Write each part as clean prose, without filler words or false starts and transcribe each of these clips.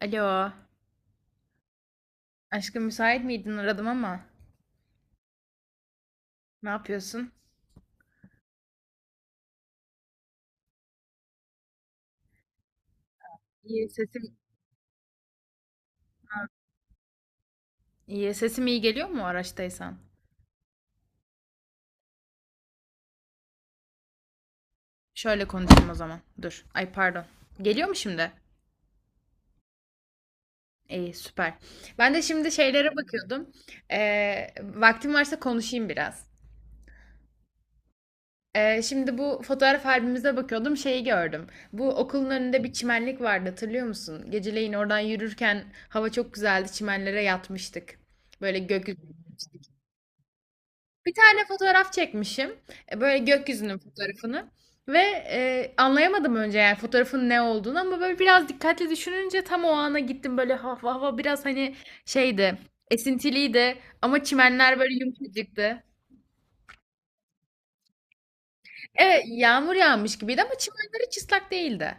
Alo. Aşkım müsait miydin? Aradım ama. Ne yapıyorsun? İyi sesim. İyi. Sesim iyi geliyor mu araçtaysan? Şöyle konuşayım o zaman. Dur. Ay pardon. Geliyor mu şimdi? İyi süper. Ben de şimdi şeylere bakıyordum. Vaktim varsa konuşayım biraz. Şimdi bu fotoğraf albümümüze bakıyordum. Şeyi gördüm. Bu okulun önünde bir çimenlik vardı hatırlıyor musun? Geceleyin oradan yürürken hava çok güzeldi. Çimenlere yatmıştık. Böyle gökyüzü. Bir tane fotoğraf çekmişim. E, böyle gökyüzünün fotoğrafını ve, anlayamadım önce yani fotoğrafın ne olduğunu ama böyle biraz dikkatli düşününce tam o ana gittim. Böyle hava biraz, hani, şeydi, esintiliydi ama çimenler böyle yumuşacıktı. Evet, yağmur yağmış gibiydi ama çimenler hiç ıslak değildi.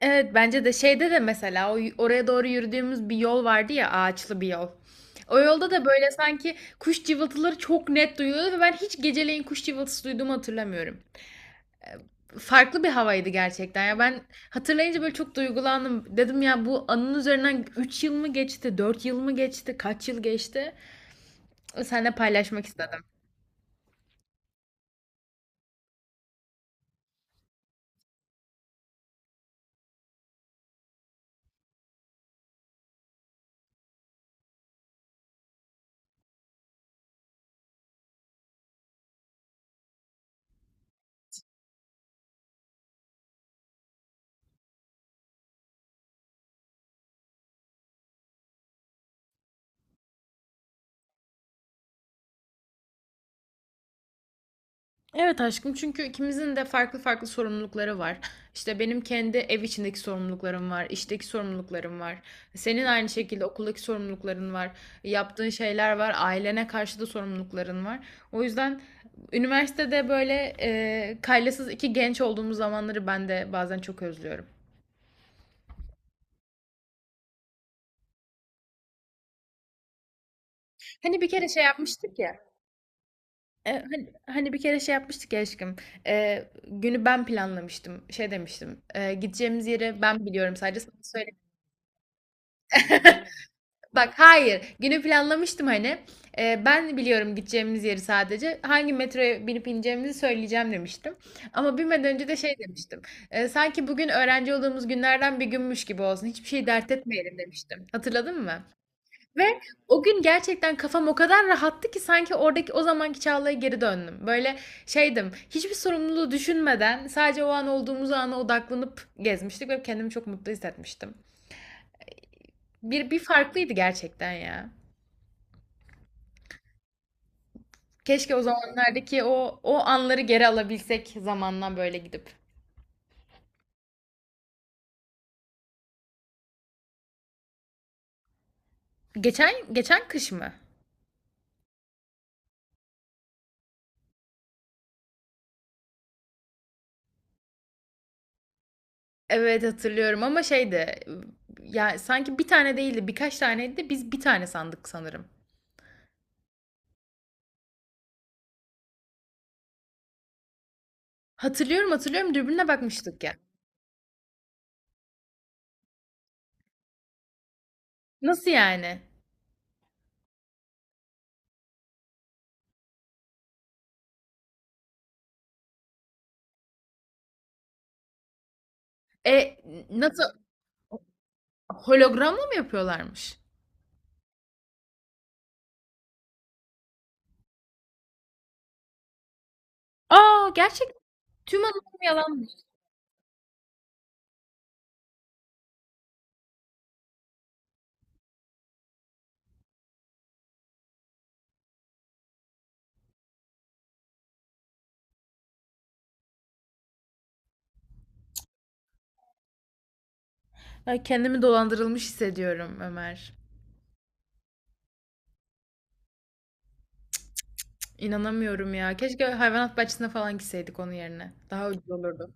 Evet, bence de şeyde de mesela o y oraya doğru yürüdüğümüz bir yol vardı ya, ağaçlı bir yol. O yolda da böyle sanki kuş cıvıltıları çok net duyuluyordu ve ben hiç geceleyin kuş cıvıltısı duyduğumu hatırlamıyorum. Farklı bir havaydı gerçekten. Ya ben hatırlayınca böyle çok duygulandım. Dedim ya bu anın üzerinden 3 yıl mı geçti, 4 yıl mı geçti, kaç yıl geçti? Seninle paylaşmak istedim. Evet aşkım çünkü ikimizin de farklı farklı sorumlulukları var. İşte benim kendi ev içindeki sorumluluklarım var, işteki sorumluluklarım var. Senin aynı şekilde okuldaki sorumlulukların var, yaptığın şeyler var, ailene karşı da sorumlulukların var. O yüzden üniversitede böyle kaylasız iki genç olduğumuz zamanları ben de bazen çok özlüyorum. Hani bir kere şey yapmıştık ya. Hani bir kere şey yapmıştık ya aşkım. Günü ben planlamıştım. Şey demiştim. Gideceğimiz yeri ben biliyorum sadece sana söyle. Bak hayır. Günü planlamıştım hani. E, ben biliyorum gideceğimiz yeri sadece. Hangi metroya binip ineceğimizi söyleyeceğim demiştim. Ama binmeden önce de şey demiştim. E, sanki bugün öğrenci olduğumuz günlerden bir günmüş gibi olsun. Hiçbir şey dert etmeyelim demiştim. Hatırladın mı? Ve o gün gerçekten kafam o kadar rahattı ki sanki oradaki o zamanki Çağla'ya geri döndüm. Böyle şeydim, hiçbir sorumluluğu düşünmeden sadece o an olduğumuz ana odaklanıp gezmiştik ve kendimi çok mutlu hissetmiştim. Bir farklıydı gerçekten ya. Keşke o zamanlardaki o anları geri alabilsek zamandan böyle gidip. Geçen kış mı? Evet hatırlıyorum ama şeydi ya sanki bir tane değildi birkaç taneydi de biz bir tane sandık sanırım. Hatırlıyorum hatırlıyorum dürbünle bakmıştık ya. Nasıl yani? E nasıl, hologramla mı yapıyorlarmış? Aa, gerçek tüm anılarım yalanmış. Ay, kendimi dolandırılmış hissediyorum Ömer. İnanamıyorum ya. Keşke hayvanat bahçesine falan gitseydik onun yerine. Daha ucuz olurdu.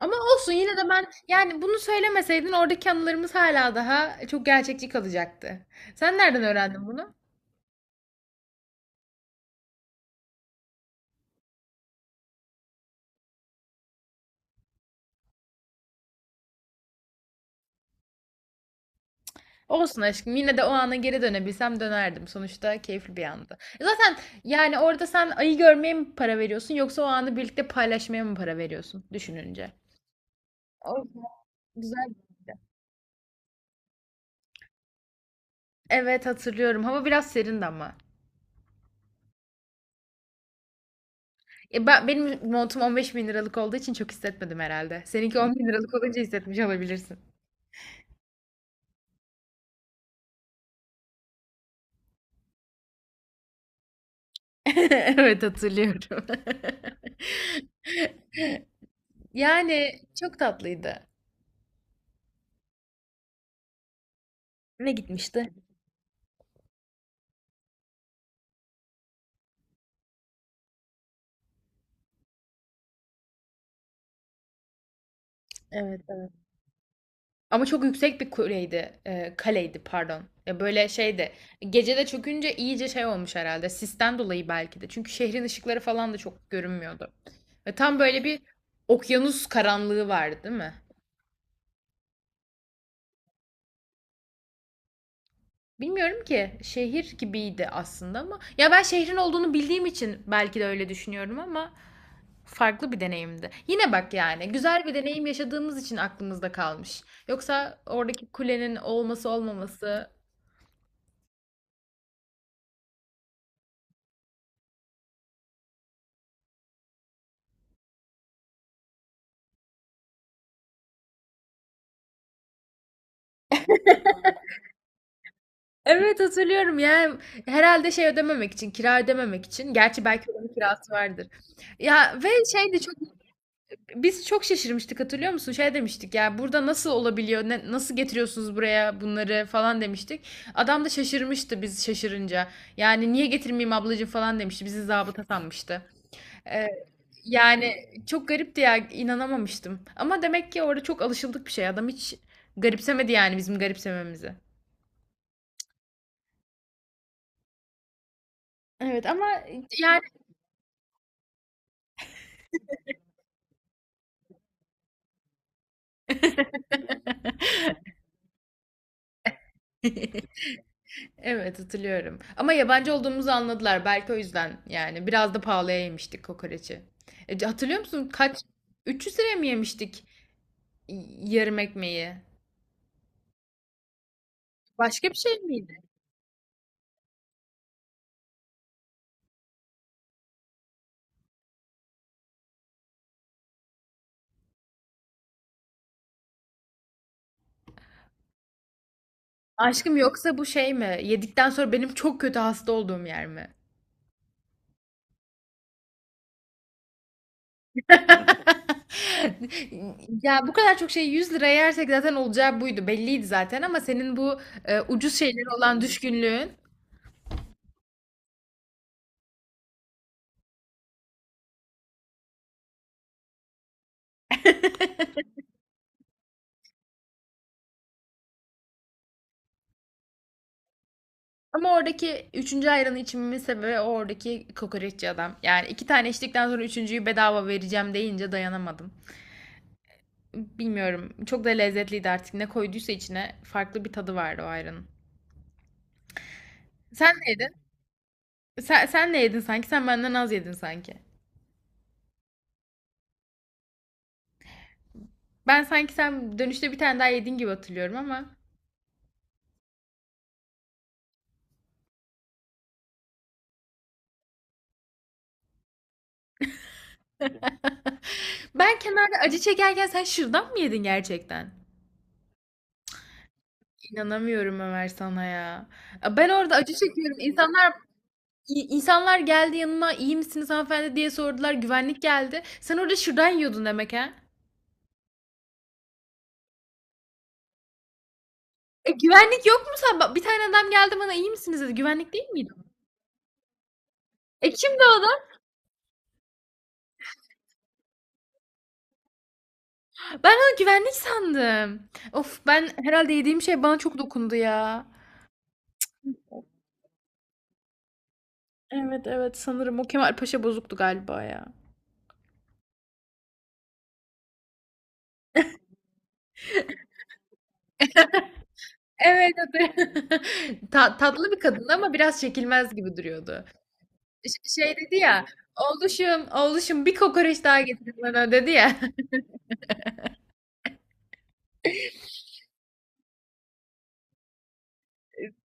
Ama olsun yine de ben yani bunu söylemeseydin oradaki anılarımız hala daha çok gerçekçi kalacaktı. Sen nereden öğrendin bunu? Olsun aşkım yine de o ana geri dönebilsem dönerdim. Sonuçta keyifli bir andı. E zaten yani orada sen ayı görmeye mi para veriyorsun yoksa o anı birlikte paylaşmaya mı para veriyorsun düşününce? O yüzden güzel. Evet hatırlıyorum. Hava biraz serindi ama. Benim montum 15 bin liralık olduğu için çok hissetmedim herhalde. Seninki 10 bin liralık olunca hissetmiş olabilirsin. Evet hatırlıyorum. Yani çok tatlıydı. Ne gitmişti? Evet. Ama çok yüksek bir kuleydi. E, kaleydi pardon. Ya böyle şeydi. Gecede çökünce iyice şey olmuş herhalde. Sisten dolayı belki de. Çünkü şehrin ışıkları falan da çok görünmüyordu. Ve tam böyle bir okyanus karanlığı vardı, değil mi? Bilmiyorum ki. Şehir gibiydi aslında ama ya ben şehrin olduğunu bildiğim için belki de öyle düşünüyorum ama farklı bir deneyimdi. Yine bak yani güzel bir deneyim yaşadığımız için aklımızda kalmış. Yoksa oradaki kulenin olması olmaması evet hatırlıyorum yani herhalde şey ödememek için, kira ödememek için. Gerçi belki oranın kirası vardır. Ya ve şeydi çok, biz çok şaşırmıştık hatırlıyor musun? Şey demiştik ya burada nasıl olabiliyor? Nasıl getiriyorsunuz buraya bunları falan demiştik. Adam da şaşırmıştı biz şaşırınca. Yani niye getirmeyeyim ablacığım falan demişti. Bizi zabıta sanmıştı. Ee, Yani çok garipti ya inanamamıştım. Ama demek ki orada çok alışıldık bir şey. Adam hiç garipsemedi yani bizim garipsememizi. Evet ama yani evet hatırlıyorum. Ama yabancı olduğumuzu anladılar. Belki o yüzden yani. Biraz da pahalıya yemiştik kokoreçi. Hatırlıyor musun? Kaç? 300 liraya mı yemiştik y- yarım ekmeği? Başka bir şey miydi? Aşkım yoksa bu şey mi? Yedikten sonra benim çok kötü hasta olduğum yer mi? Ya bu kadar çok şey 100 liraya yersek zaten olacağı buydu. Belliydi zaten ama senin bu ucuz şeylere olan düşkünlüğün. Ama oradaki üçüncü ayranı içmemin sebebi o oradaki kokoreççi adam. Yani iki tane içtikten sonra üçüncüyü bedava vereceğim deyince dayanamadım. Bilmiyorum. Çok da lezzetliydi artık. Ne koyduysa içine farklı bir tadı vardı o ayranın. Sen ne yedin? Sen ne yedin sanki? Sen benden az yedin sanki. Ben sanki sen dönüşte bir tane daha yedin gibi hatırlıyorum ama. Ben kenarda acı çekerken sen şırdan mı yedin gerçekten? İnanamıyorum Ömer sana ya. Ben orada acı çekiyorum. İnsanlar, İnsanlar geldi yanıma, iyi misiniz hanımefendi?" diye sordular. Güvenlik geldi. Sen orada şırdan yiyordun demek ha? E, güvenlik yok mu sen? Bir tane adam geldi bana, iyi misiniz?" dedi. Güvenlik değil miydi o? E, kimdi o adam? Ben onu güvenlik sandım. Of, ben herhalde yediğim şey bana çok dokundu ya. Evet, evet, sanırım o Kemal Paşa bozuktu galiba ya. Evet, evet. Tatlı bir kadındı ama biraz çekilmez gibi duruyordu. Ş Şey dedi ya, "Oğluşum, oğluşum bir kokoreç daha getirin bana." dedi ya.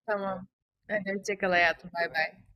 Tamam. Hadi hoşça kal hayatım. Bay bay.